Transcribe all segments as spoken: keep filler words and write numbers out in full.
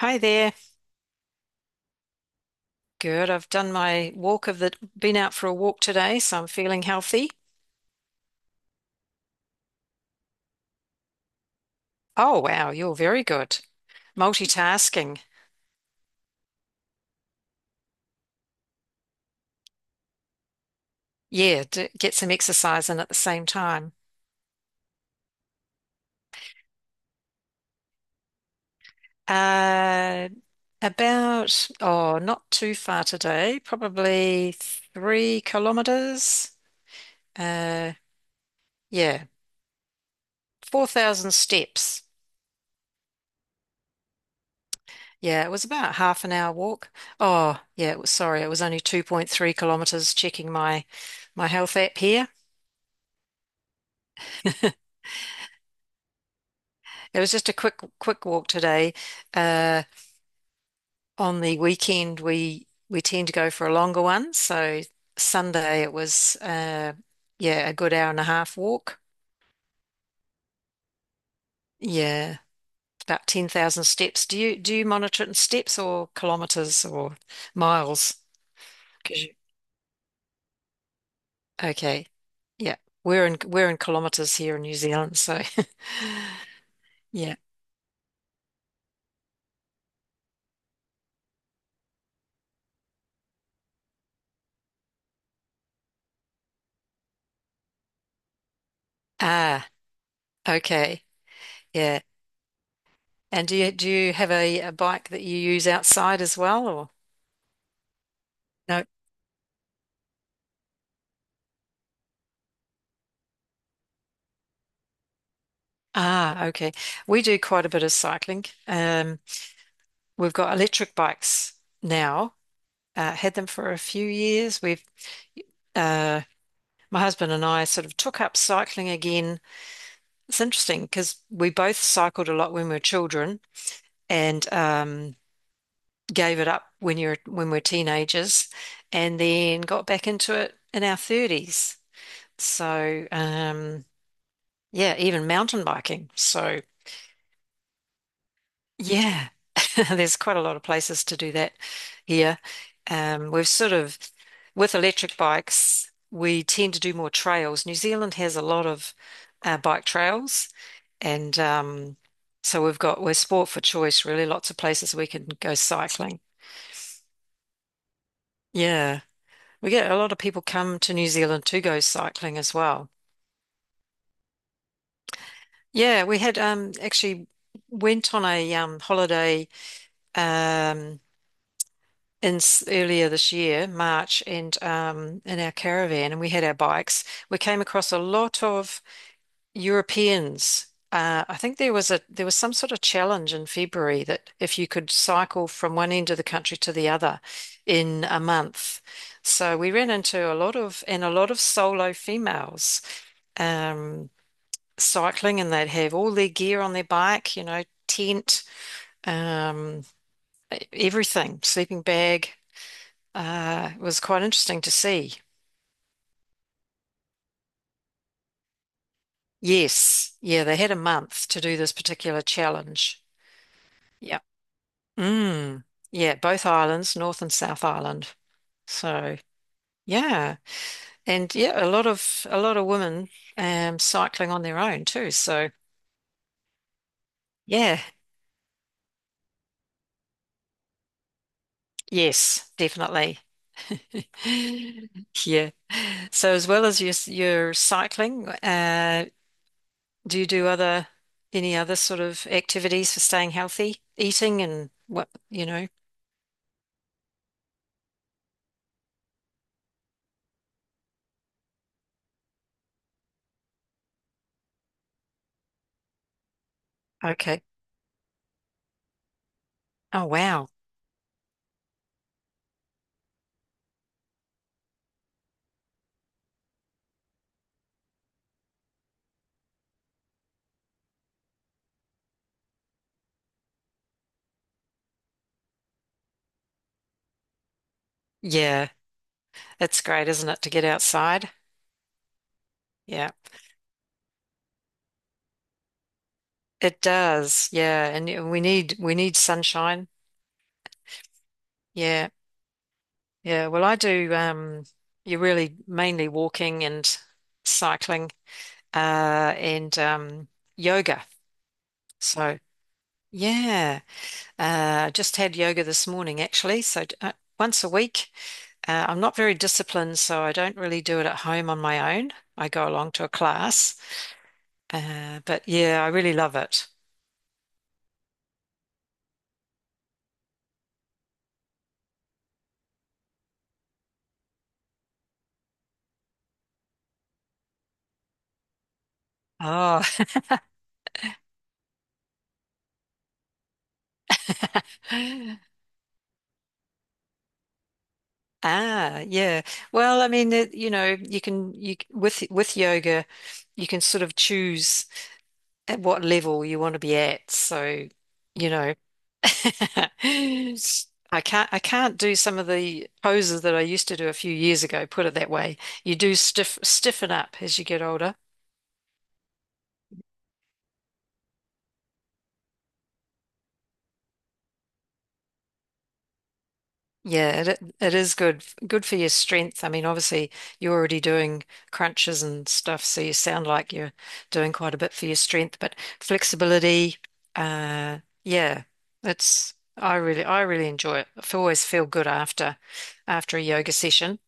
Hi there. Good. I've done my walk of the, been out for a walk today, so I'm feeling healthy. Oh, wow. You're very good. Multitasking. Yeah, d get some exercise in at the same time. Uh, about, oh, not too far today, probably three kilometers. Uh, yeah, four thousand steps. Yeah, it was about half an hour walk. Oh, yeah, it was, sorry, it was only two point three kilometers checking my my health app here. It was just a quick quick walk today. Uh, on the weekend, we we tend to go for a longer one. So Sunday it was uh, yeah a good hour and a half walk. Yeah, about ten thousand steps. Do you do you monitor it in steps or kilometers or miles? 'Cause you- okay, yeah, we're in we're in kilometers here in New Zealand. So yeah. Ah, okay, yeah. And do you do you have a, a bike that you use outside as well or? Ah, okay. We do quite a bit of cycling. Um, we've got electric bikes now. Uh, had them for a few years. We've uh, my husband and I sort of took up cycling again. It's interesting because we both cycled a lot when we were children and um, gave it up when you're when we're teenagers, and then got back into it in our thirties. So um, yeah, even mountain biking. So. Yeah, there's quite a lot of places to do that here. Um, we've sort of, with electric bikes, we tend to do more trails. New Zealand has a lot of uh, bike trails, and um, so we've got we're sport for choice, really. Lots of places we can go cycling. Yeah, we get a lot of people come to New Zealand to go cycling as well. Yeah, we had um, actually went on a um, holiday. um, in s- Earlier this year, March, and um, in our caravan, and we had our bikes. We came across a lot of Europeans. Uh, I think there was a there was some sort of challenge in February that if you could cycle from one end of the country to the other in a month. So we ran into a lot of and a lot of solo females um, cycling, and they'd have all their gear on their bike, you know, tent, um, everything, sleeping bag. Uh, it was quite interesting to see. Yes. Yeah, they had a month to do this particular challenge. Yeah. Mm. Yeah, both islands, North and South Island. So, yeah. And yeah, a lot of a lot of women um cycling on their own too. So, yeah. Yes, definitely. Yeah. So as well as your your cycling, uh, do you do other any other sort of activities for staying healthy, eating and what, you know? Okay. Oh, wow. Yeah, it's great, isn't it, to get outside? Yeah, it does. Yeah, and y- we need we need sunshine. Yeah, yeah. Well, I do. Um, you're really mainly walking and cycling, uh, and um, yoga. So yeah, uh, just had yoga this morning actually. So uh, once a week. Uh, I'm not very disciplined, so I don't really do it at home on my own. I go along to a class, uh, but yeah, I really love it. Oh, Ah, yeah. Well, I mean, it, you know, you can you c- with with yoga, you can sort of choose at what level you want to be at. So, you know, I can't I can't do some of the poses that I used to do a few years ago, put it that way. You do stiff stiffen up as you get older. Yeah, it it is good good for your strength. I mean, obviously you're already doing crunches and stuff, so you sound like you're doing quite a bit for your strength, but flexibility, uh yeah, it's I really I really enjoy it. I always feel good after after a yoga session.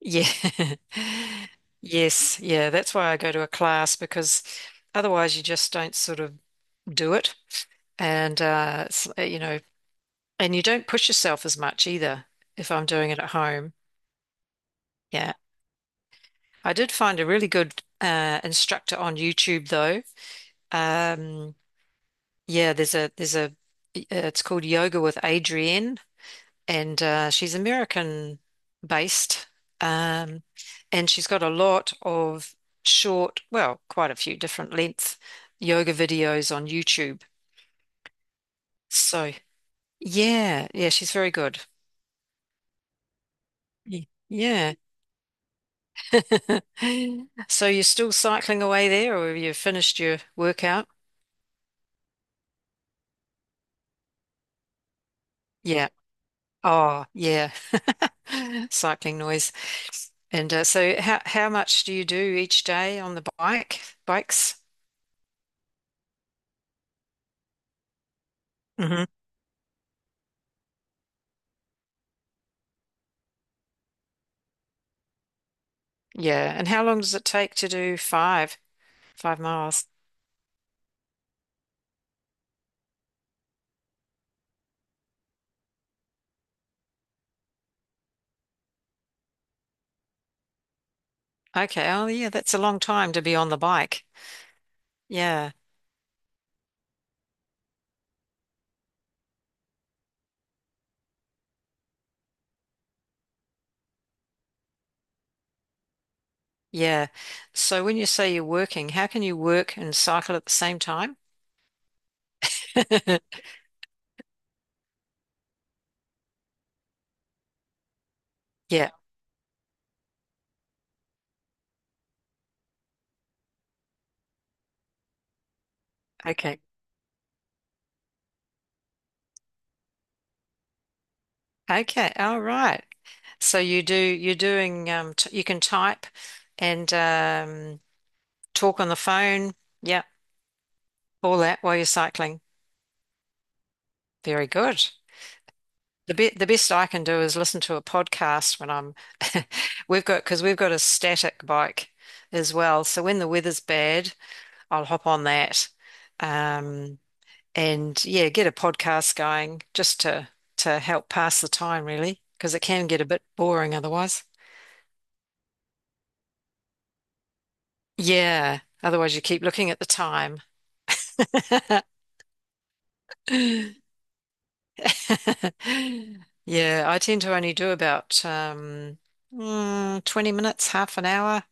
Yeah. Yes, yeah, that's why I go to a class because otherwise you just don't sort of do it. And uh, it's, uh, you know, And you don't push yourself as much either if I'm doing it at home. Yeah. I did find a really good uh, instructor on YouTube though. Um, yeah, there's a there's a it's called Yoga with Adrienne and uh, she's American based. Um, and she's got a lot of short, well, quite a few different length yoga videos on YouTube. So, yeah, yeah, she's very good. Yeah. Yeah. So you're still cycling away there, or have you finished your workout? Yeah. Oh, yeah. Cycling noise. And uh, so how how much do you do each day on the bike? Bikes? Hmm. Yeah. And how long does it take to do five, five miles? Okay. Oh, yeah, that's a long time to be on the bike. Yeah. Yeah. So when you say you're working, how can you work and cycle at the same time? Yeah. Okay. Okay. All right. So you do you're doing um t you can type and um talk on the phone. Yeah, all that while you're cycling. Very good. The be the best I can do is listen to a podcast when I'm we've got because we've got a static bike as well. So when the weather's bad, I'll hop on that. Um and yeah, get a podcast going just to to help pass the time really, because it can get a bit boring otherwise. Yeah, otherwise you keep looking at the time. Yeah, I tend to only do about um, mm, twenty minutes, half an hour,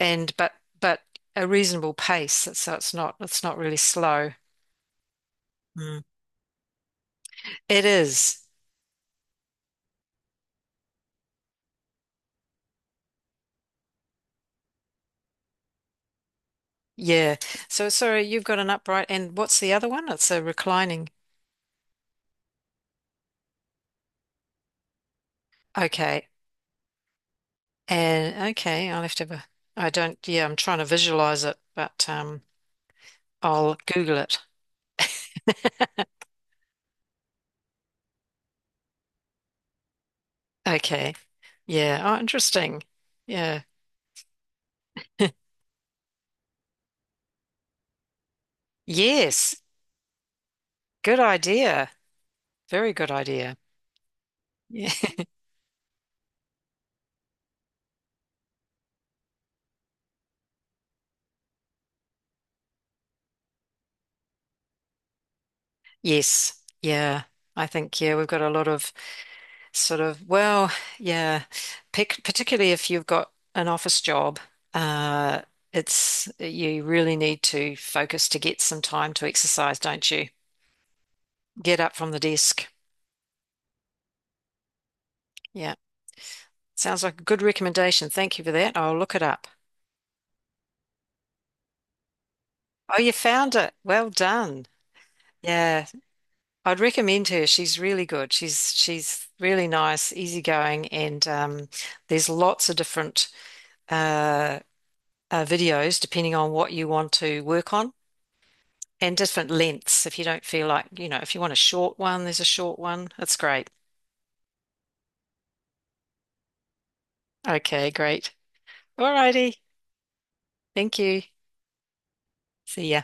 and but but a reasonable pace, so it's not it's not really slow. Mm. It is. Yeah. So sorry, you've got an upright and what's the other one? It's a reclining. Okay. And okay, I'll have to have a I don't yeah, I'm trying to visualize it, but um I'll Google it. Okay. Yeah. Oh, interesting. Yeah. Yes. Good idea. Very good idea. Yeah. Yes. Yeah. I think, yeah, we've got a lot of sort of, well, yeah, pic particularly if you've got an office job, uh, it's, you really need to focus to get some time to exercise, don't you? Get up from the desk. Yeah. Sounds like a good recommendation. Thank you for that. I'll look it up. Oh, you found it. Well done. Yeah. I'd recommend her. She's really good. She's she's really nice, easygoing, and um, there's lots of different uh, uh, videos depending on what you want to work on and different lengths. If you don't feel like, you know, if you want a short one, there's a short one. That's great. Okay, great. All righty. Thank you. See ya.